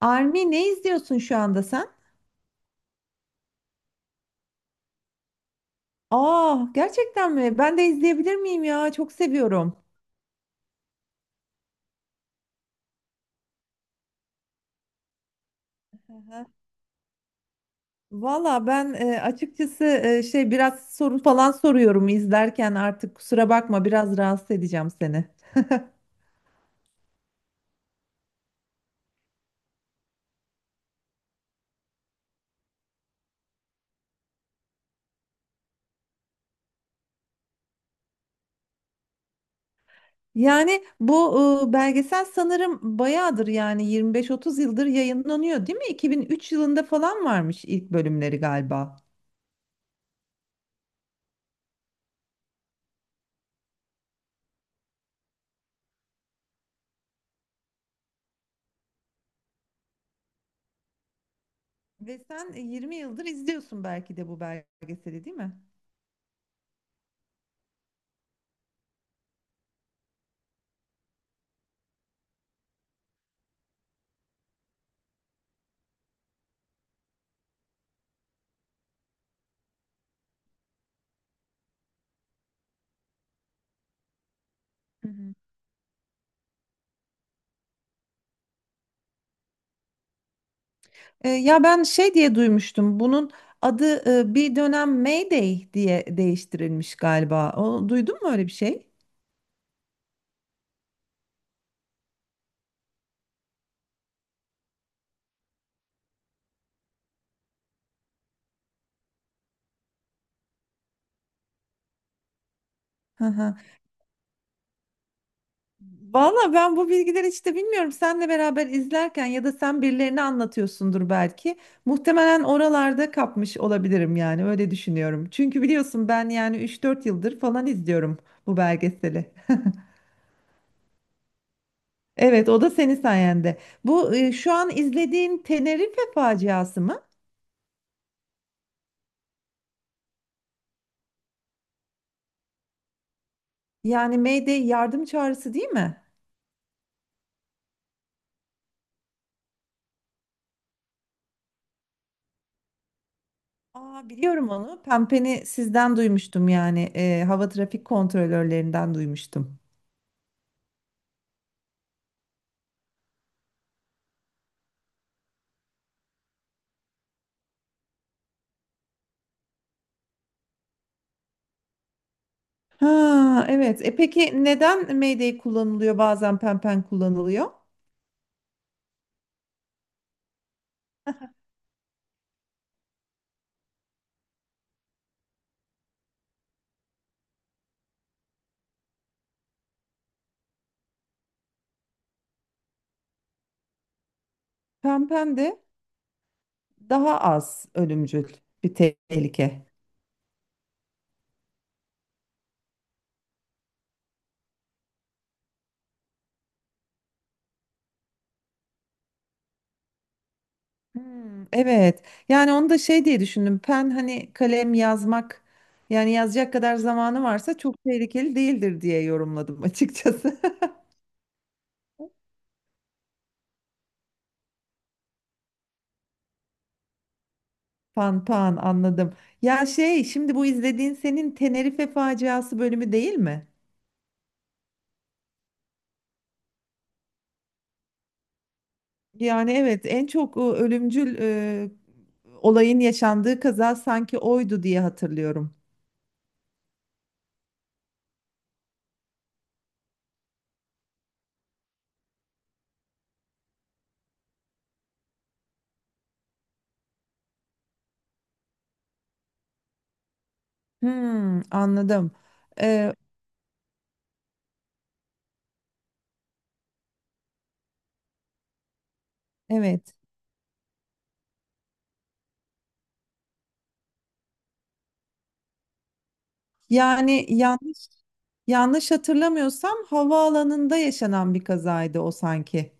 Army ne izliyorsun şu anda sen? Aa, gerçekten mi? Ben de izleyebilir miyim ya? Çok seviyorum. Aha. Valla ben açıkçası biraz soru falan soruyorum izlerken artık kusura bakma biraz rahatsız edeceğim seni. Yani bu belgesel sanırım bayağıdır yani 25-30 yıldır yayınlanıyor değil mi? 2003 yılında falan varmış ilk bölümleri galiba. Ve sen 20 yıldır izliyorsun belki de bu belgeseli değil mi? Hı hı. Ya ben diye duymuştum. Bunun adı bir dönem Mayday diye değiştirilmiş galiba. O, duydun mu öyle bir şey? Hı hı. Valla ben bu bilgileri hiç de bilmiyorum. Senle beraber izlerken ya da sen birilerini anlatıyorsundur belki. Muhtemelen oralarda kapmış olabilirim yani öyle düşünüyorum. Çünkü biliyorsun ben yani üç dört yıldır falan izliyorum bu belgeseli. Evet, o da senin sayende. Bu şu an izlediğin Tenerife faciası mı? Yani Mayday yardım çağrısı değil mi? Aa, biliyorum onu. Pempeni sizden duymuştum yani. Hava trafik kontrolörlerinden duymuştum. Ha, evet. E peki neden Mayday kullanılıyor, bazen pempen kullanılıyor? Pempen de daha az ölümcül bir tehlike. Hmm, evet. Yani onu da diye düşündüm. Pen hani kalem yazmak yani yazacak kadar zamanı varsa çok tehlikeli değildir diye yorumladım açıkçası. Panpan anladım. Ya şimdi bu izlediğin senin Tenerife faciası bölümü değil mi? Yani evet, en çok ölümcül olayın yaşandığı kaza sanki oydu diye hatırlıyorum. Hmm, anladım. Ee, evet. Yani yanlış Yanlış hatırlamıyorsam havaalanında yaşanan bir kazaydı o sanki.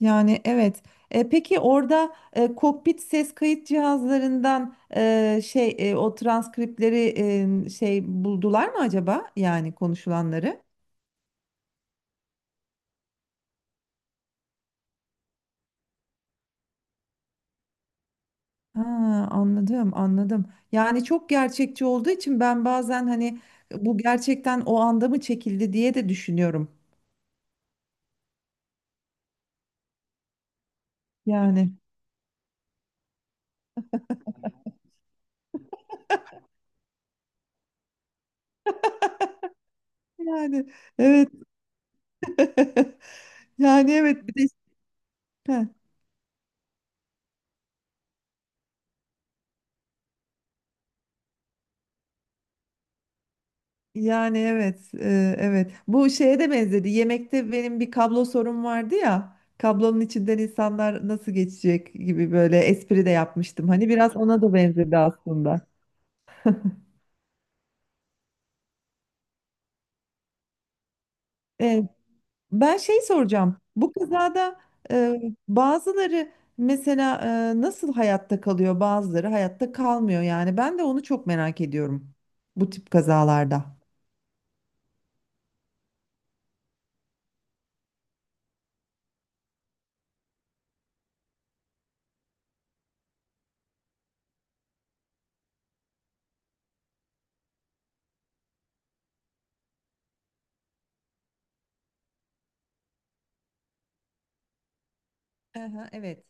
Yani evet. E, peki orada kokpit ses kayıt cihazlarından o transkripleri buldular mı acaba? Yani konuşulanları. Ha, anladım, anladım. Yani çok gerçekçi olduğu için ben bazen hani bu gerçekten o anda mı çekildi diye de düşünüyorum. Yani yani evet. Yani evet, bir de heh. Yani evet, evet. Bu şeye de benzedi. Yemekte benim bir kablo sorun vardı ya. Kablonun içinden insanlar nasıl geçecek gibi böyle espri de yapmıştım. Hani biraz ona da benzedi aslında. E, ben soracağım. Bu kazada e, bazıları mesela nasıl hayatta kalıyor, bazıları hayatta kalmıyor. Yani ben de onu çok merak ediyorum bu tip kazalarda. Hı hı, evet.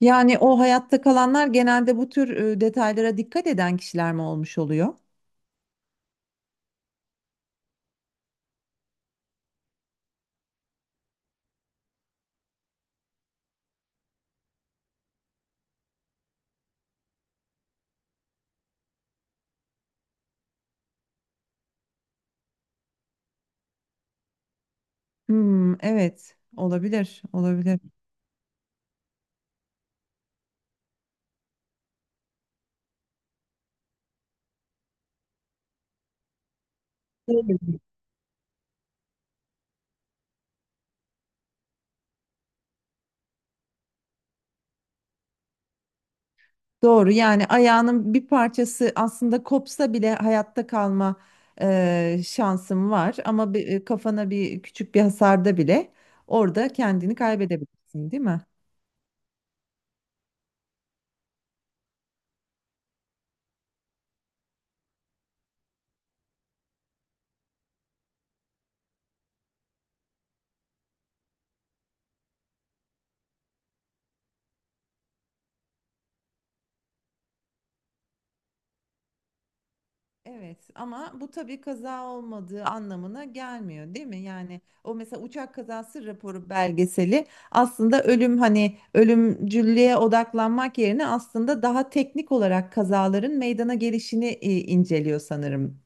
Yani o hayatta kalanlar genelde bu tür detaylara dikkat eden kişiler mi olmuş oluyor? Hmm, evet, olabilir, olabilir. Doğru. Doğru, yani ayağının bir parçası aslında kopsa bile hayatta kalma şansın var, ama bir, kafana bir küçük bir hasarda bile orada kendini kaybedebilirsin, değil mi? Evet, ama bu tabii kaza olmadığı anlamına gelmiyor değil mi? Yani o mesela uçak kazası raporu belgeseli aslında ölüm hani ölümcüllüğe odaklanmak yerine aslında daha teknik olarak kazaların meydana gelişini inceliyor sanırım.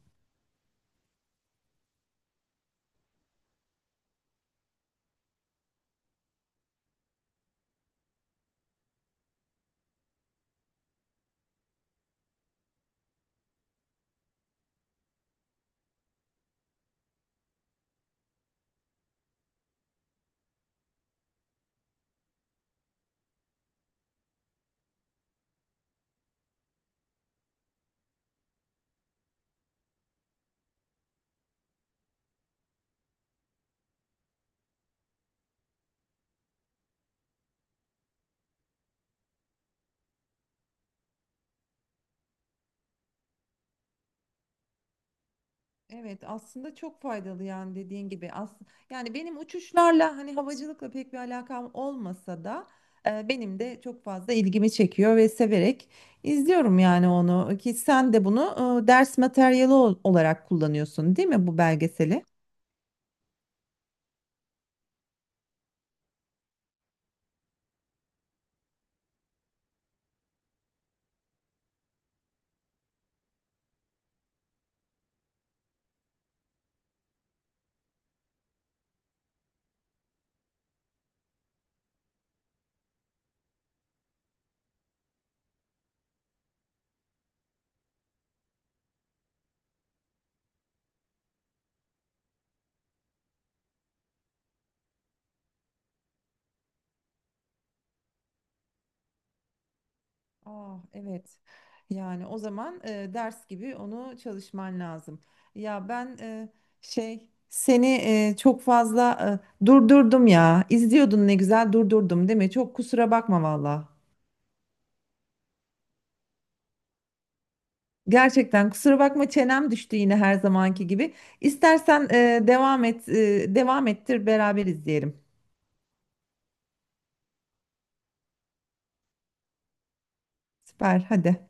Evet, aslında çok faydalı yani dediğin gibi. Yani benim uçuşlarla hani havacılıkla pek bir alakam olmasa da benim de çok fazla ilgimi çekiyor ve severek izliyorum yani onu. Ki sen de bunu ders materyali olarak kullanıyorsun değil mi bu belgeseli? Ah, evet. Yani o zaman ders gibi onu çalışman lazım. Ya ben seni çok fazla durdurdum ya. İzliyordun ne güzel, durdurdum değil mi? Çok kusura bakma valla. Gerçekten kusura bakma, çenem düştü yine her zamanki gibi. İstersen devam et, devam ettir, beraber izleyelim. Süper, hadi.